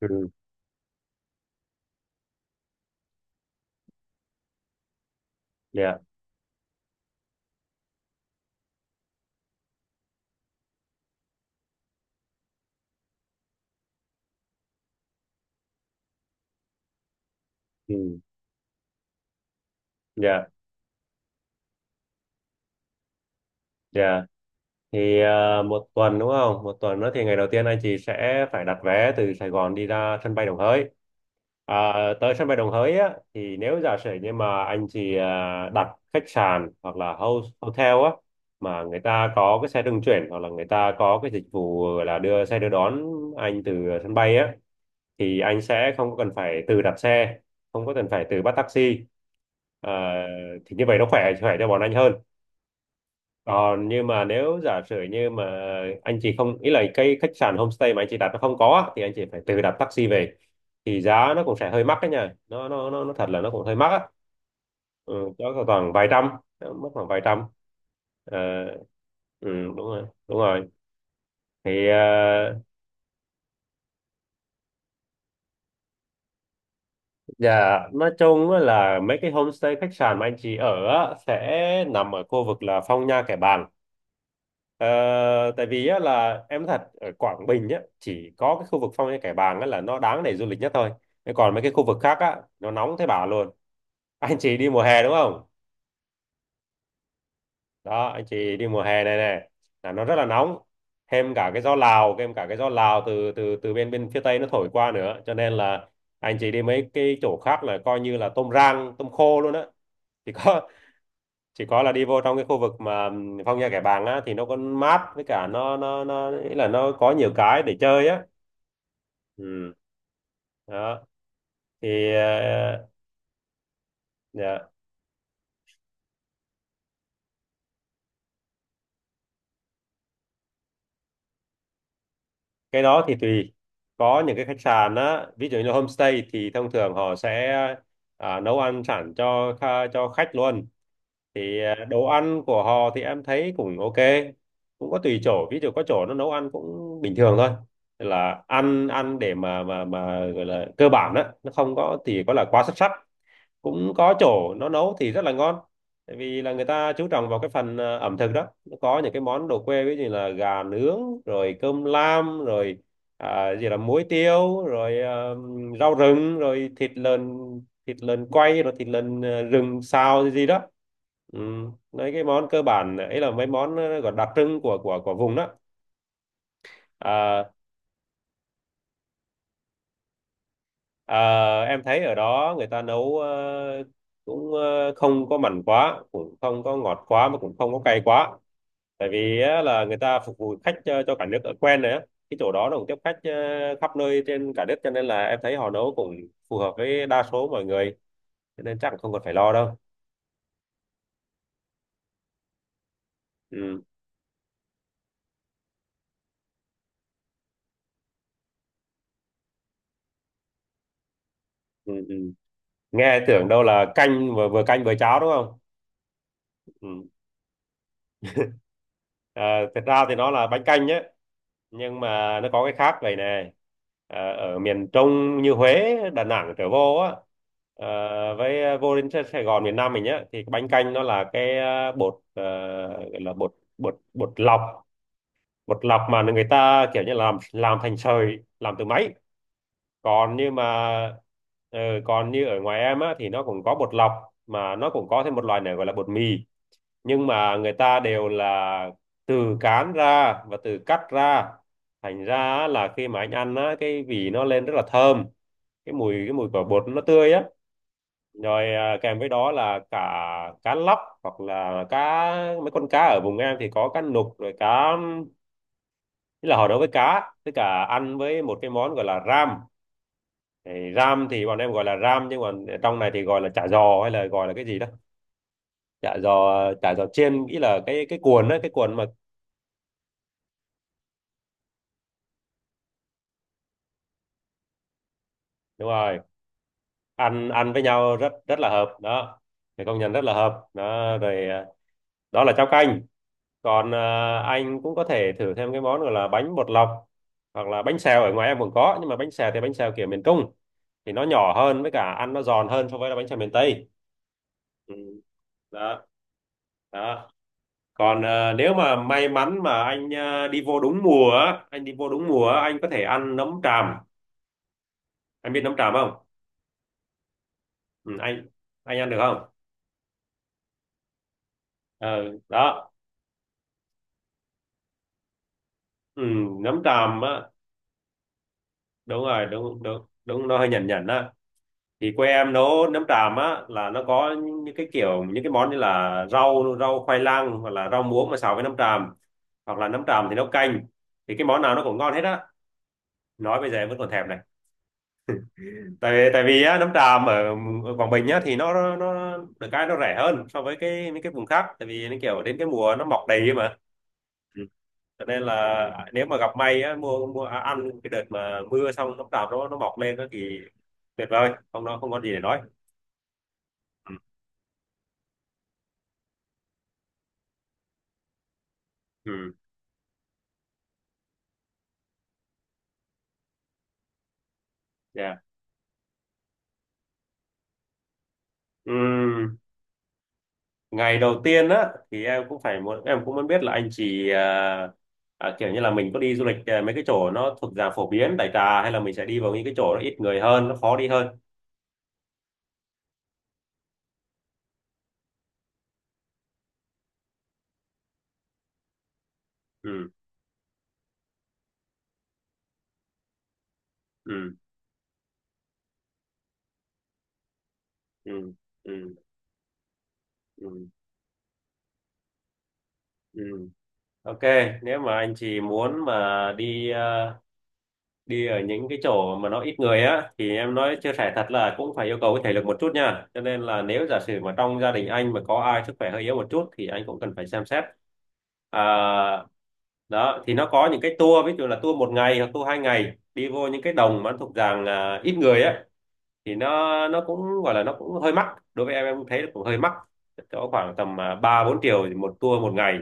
Ừ. Dạ. Ừ. Dạ. Dạ. Thì một tuần đúng không, một tuần nữa thì ngày đầu tiên anh chị sẽ phải đặt vé từ Sài Gòn đi ra sân bay Đồng Hới. à, Tới sân bay Đồng Hới á thì nếu giả sử như mà anh chị đặt khách sạn hoặc là house hotel á mà người ta có cái xe trung chuyển hoặc là người ta có cái dịch vụ là đưa xe đưa đón anh từ sân bay á thì anh sẽ không có cần phải tự đặt xe, không có cần phải tự bắt taxi. Ờ, thì như vậy nó khỏe khỏe cho bọn anh hơn. Còn nhưng mà nếu giả sử như mà anh chị không, ý là cái khách sạn homestay mà anh chị đặt nó không có á, thì anh chị phải tự đặt taxi về thì giá nó cũng sẽ hơi mắc đấy nha, nó thật là nó cũng hơi mắc á. Ừ, đó khoảng vài trăm, nó mất khoảng vài trăm. Ờ, ừ, đúng rồi, đúng rồi. Thì dạ, nói chung á là mấy cái homestay khách sạn mà anh chị ở á, sẽ nằm ở khu vực là Phong Nha Kẻ Bàng. Ờ, Tại vì á, là em nói thật ở Quảng Bình á, chỉ có cái khu vực Phong Nha Kẻ Bàng á, là nó đáng để du lịch nhất thôi. Thế còn mấy cái khu vực khác á, nó nóng thế bà luôn. Anh chị đi mùa hè đúng không? Đó, anh chị đi mùa hè này này là nó rất là nóng, thêm cả cái gió Lào, thêm cả cái gió Lào từ từ từ bên bên phía Tây nó thổi qua nữa, cho nên là anh chị đi mấy cái chỗ khác là coi như là tôm rang tôm khô luôn á. Chỉ có chỉ có là đi vô trong cái khu vực mà Phong Nha Kẻ Bàng á thì nó có mát, với cả nó ý là nó có nhiều cái để chơi á. Ừ. Đó. Thì dạ. Cái đó thì tùy. Có những cái khách sạn á ví dụ như homestay thì thông thường họ sẽ nấu ăn sẵn cho cho khách luôn. Thì đồ ăn của họ thì em thấy cũng ok. Cũng có tùy chỗ, ví dụ có chỗ nó nấu ăn cũng bình thường thôi, là ăn ăn để mà gọi là cơ bản á, nó không có thì có là quá xuất sắc. Cũng có chỗ nó nấu thì rất là ngon, tại vì là người ta chú trọng vào cái phần ẩm thực đó, nó có những cái món đồ quê ví dụ như là gà nướng rồi cơm lam rồi gì là muối tiêu rồi rau rừng rồi thịt lợn, thịt lợn quay rồi thịt lợn rừng xào gì gì đó. Ừ. Mấy cái món cơ bản ấy là mấy món gọi đặc trưng của vùng đó. à, Ờ, em thấy ở đó người ta nấu cũng không có mặn quá, cũng không có ngọt quá mà cũng không có cay quá. Tại vì á, là người ta phục vụ khách cho cả nước ở quen rồi á. Cái chỗ đó nó cũng tiếp khách khắp nơi trên cả nước cho nên là em thấy họ nấu cũng phù hợp với đa số mọi người. Cho nên chắc không cần phải lo đâu. Ừ. Ừ. Ừ. Nghe tưởng đâu là canh vừa, vừa canh vừa cháo đúng không? Ừ. Ờ, Thật ra thì nó là bánh canh nhé, nhưng mà nó có cái khác vậy này. Ở miền Trung như Huế Đà Nẵng trở vô á, ờ, với vô đến Sài Sài Gòn miền Nam mình nhá, thì cái bánh canh nó là cái bột, gọi là bột bột bột lọc. Bột lọc mà người ta kiểu như làm thành sợi làm từ máy. còn như mà ờ, Còn như ở ngoài em á thì nó cũng có bột lọc, mà nó cũng có thêm một loại này gọi là bột mì, nhưng mà người ta đều là từ cán ra và từ cắt ra. Thành ra á, là khi mà anh ăn á cái vị nó lên rất là thơm, cái mùi quả bột nó tươi á, rồi kèm với đó là cả cá lóc hoặc là cá, mấy con cá ở vùng em thì có cá nục rồi cá, tức là họ nấu với cá với cả ăn với một cái món gọi là ram. Thì ram thì bọn em gọi là ram nhưng mà trong này thì gọi là chả giò hay là gọi là cái gì đó. Chả giò, chả giò chiên nghĩ là cái cuộn đó, cái cuộn mà. Đúng rồi, ăn ăn với nhau rất rất là hợp đó, thì công nhận rất là hợp đó rồi. Đó là cháo canh. Còn anh cũng có thể thử thêm cái món gọi là bánh bột lọc hoặc là bánh xèo, ở ngoài em cũng có. Nhưng mà bánh xèo thì bánh xèo kiểu miền Trung thì nó nhỏ hơn, với cả ăn nó giòn hơn so với là bánh xèo miền Tây. Ừ. Đó. Đó. Còn nếu mà may mắn mà anh đi vô đúng mùa á, anh đi vô đúng mùa á, anh có thể ăn nấm tràm. Anh biết nấm tràm không? Ừ, anh ăn được không? Ờ, Đó. Ừ, nấm tràm á, đúng rồi, đúng đúng đúng, nó hơi nhẩn nhẩn á. Thì quê em nấu nấm tràm á là nó có những cái món như là rau rau khoai lang hoặc là rau muống mà xào với nấm tràm, hoặc là nấm tràm thì nấu canh. Thì cái món nào nó cũng ngon hết á, nói bây giờ em vẫn còn thèm này, tại vì á, nấm tràm ở, ở Quảng Bình á thì nó được cái nó rẻ hơn so với cái những cái vùng khác, tại vì nó kiểu đến cái mùa nó mọc đầy ấy mà. Ừ. Cho nên là nếu mà gặp may á, mua mua à, ăn cái đợt mà mưa xong nấm tràm nó mọc lên đó thì tuyệt vời không, nó không có gì để nói. Ừ. Ừ. Dạ. Ừ, ngày đầu tiên á thì em cũng phải muốn em cũng muốn biết là anh chị kiểu như là mình có đi du lịch mấy cái chỗ nó thuộc dạng phổ biến đại trà hay là mình sẽ đi vào những cái chỗ nó ít người hơn, nó khó đi hơn. Ừ. Ừ. Ừ. Ừ. Ừ. Ừ. Ok, nếu mà anh chị muốn mà đi đi ở những cái chỗ mà nó ít người á thì em nói chia sẻ thật là cũng phải yêu cầu cái thể lực một chút nha, cho nên là nếu giả sử mà trong gia đình anh mà có ai sức khỏe hơi yếu một chút thì anh cũng cần phải xem xét. à, Đó thì nó có những cái tour ví dụ là tour một ngày hoặc tour hai ngày đi vô những cái đồng mà nó thuộc dạng ít người á, thì nó cũng gọi là nó cũng hơi mắc. Đối với em thấy cũng hơi mắc. Có khoảng tầm 3-4 triệu thì một tour một ngày,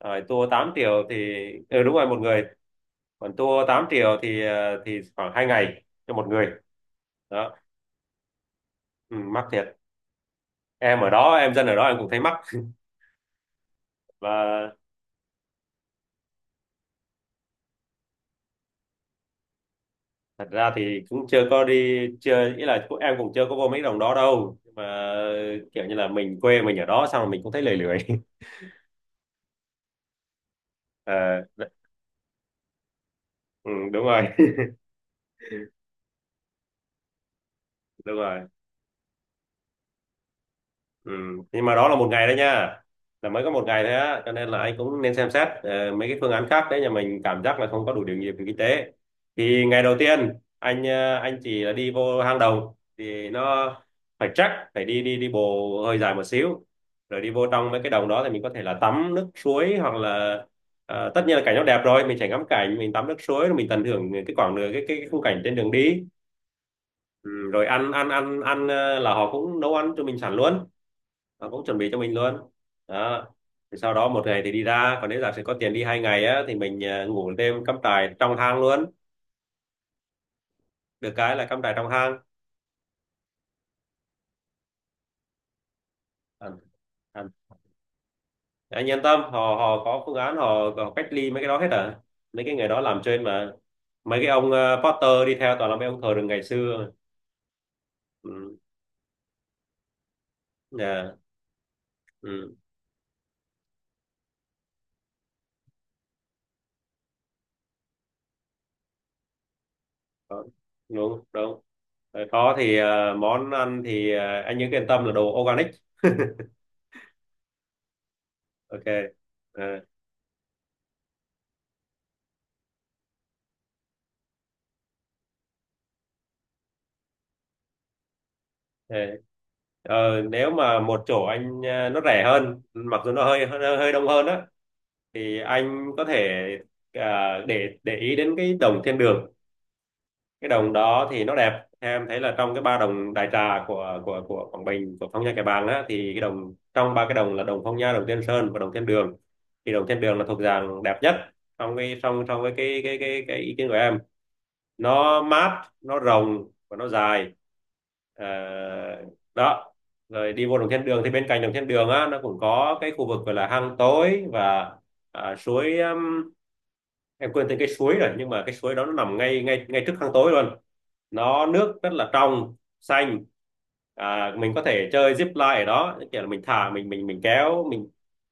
rồi tour 8 triệu thì. Ừ, đúng rồi, một người. Còn tour 8 triệu thì khoảng 2 ngày cho một người. Đó. Ừ, mắc thiệt, em ở đó em dân ở đó em cũng thấy mắc. Và thật ra thì cũng chưa có đi, chưa ý là em cũng chưa có vô mấy đồng đó đâu. Nhưng mà kiểu như là mình quê mình ở đó xong rồi mình cũng thấy lười lười. Ờ, ừ, đúng rồi. Đúng rồi. Ừ. Nhưng mà đó là một ngày đấy nha, là mới có một ngày thôi á, cho nên là anh cũng nên xem xét mấy cái phương án khác đấy nhà mình, cảm giác là không có đủ điều kiện về kinh tế thì ngày đầu tiên anh chỉ là đi vô hang động thì nó phải, chắc phải đi đi đi bộ hơi dài một xíu, rồi đi vô trong mấy cái đồng đó thì mình có thể là tắm nước suối hoặc là tất nhiên là cảnh nó đẹp rồi, mình sẽ ngắm cảnh, mình tắm nước suối rồi mình tận hưởng cái quãng đường cái khung cảnh trên đường đi. Ừ, rồi ăn ăn ăn ăn ờ, là họ cũng nấu ăn cho mình sẵn luôn, nó cũng chuẩn bị cho mình luôn. Đó, thì sau đó một ngày thì đi ra, còn nếu giả sử có tiền đi hai ngày á thì mình ngủ đêm cắm trại trong hang luôn. Được cái là cắm trại trong hang. À. À. Anh yên tâm, họ họ có phương án, họ cách ly mấy cái đó hết à, mấy cái người đó làm trên mà, mấy cái ông Potter đi theo toàn là mấy ông thờ rừng ngày xưa. Ừ. Dạ. Ừ. Đó. Đúng đúng. Rồi có thì món ăn thì anh nhớ yên tâm là đồ organic. Ok. Ờ, Thế, nếu mà một chỗ anh nó rẻ hơn mặc dù nó hơi hơi, hơi đông hơn á, thì anh có thể để ý đến cái đồng thiên đường. Cái đồng đó thì nó đẹp, em thấy là trong cái ba đồng đại trà của Quảng Bình, của Phong Nha Kẻ Bàng á, thì cái đồng trong ba cái đồng là đồng Phong Nha, đồng Tiên Sơn và đồng Thiên Đường, thì đồng Thiên Đường là thuộc dạng đẹp nhất trong cái trong trong cái ý kiến của em. Nó mát, nó rộng và nó dài. Ờ, Đó. Rồi đi vô đồng thiên đường thì bên cạnh đồng thiên đường á nó cũng có cái khu vực gọi là hang tối và suối em quên tên cái suối rồi, nhưng mà cái suối đó nó nằm ngay ngay ngay trước hang tối luôn. Nó nước rất là trong xanh. Mình có thể chơi zip line ở đó, kiểu là mình thả mình mình kéo mình,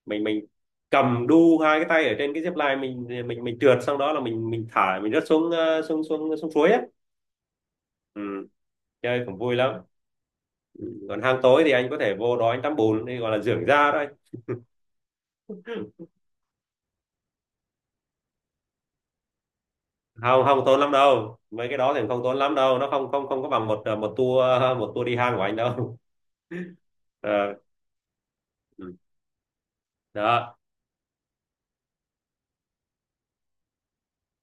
mình cầm đu hai cái tay ở trên cái zip line, mình trượt xong đó là mình thả mình rớt xuống xuống suối á. Ừ, chơi cũng vui lắm. Ừ, còn hang tối thì anh có thể vô đó anh tắm bùn đi, gọi là dưỡng da đấy. Không, không tốn lắm đâu, mấy cái đó thì không tốn lắm đâu, nó không không không có bằng một một tour, một tour đi hang của anh đâu. Ờ, ừ. Đó.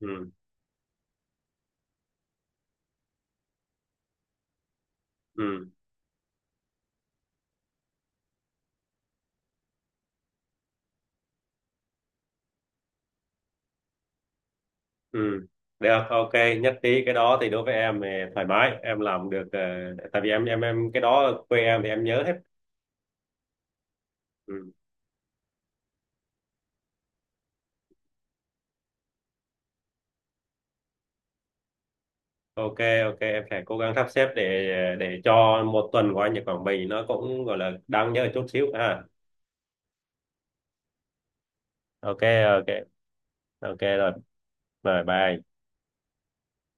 Ừ. Ừ. Ừ. Được, ok. Nhất trí, cái đó thì đối với em thì thoải mái em làm được. Ờ, Tại vì em cái đó ở quê em thì em nhớ hết. Ừ. Ok, ok, em sẽ cố gắng sắp xếp để cho một tuần của anh ở Quảng Bình nó cũng gọi là đáng nhớ chút xíu ha. Ok. Ok. Ok, rồi, rồi, bye.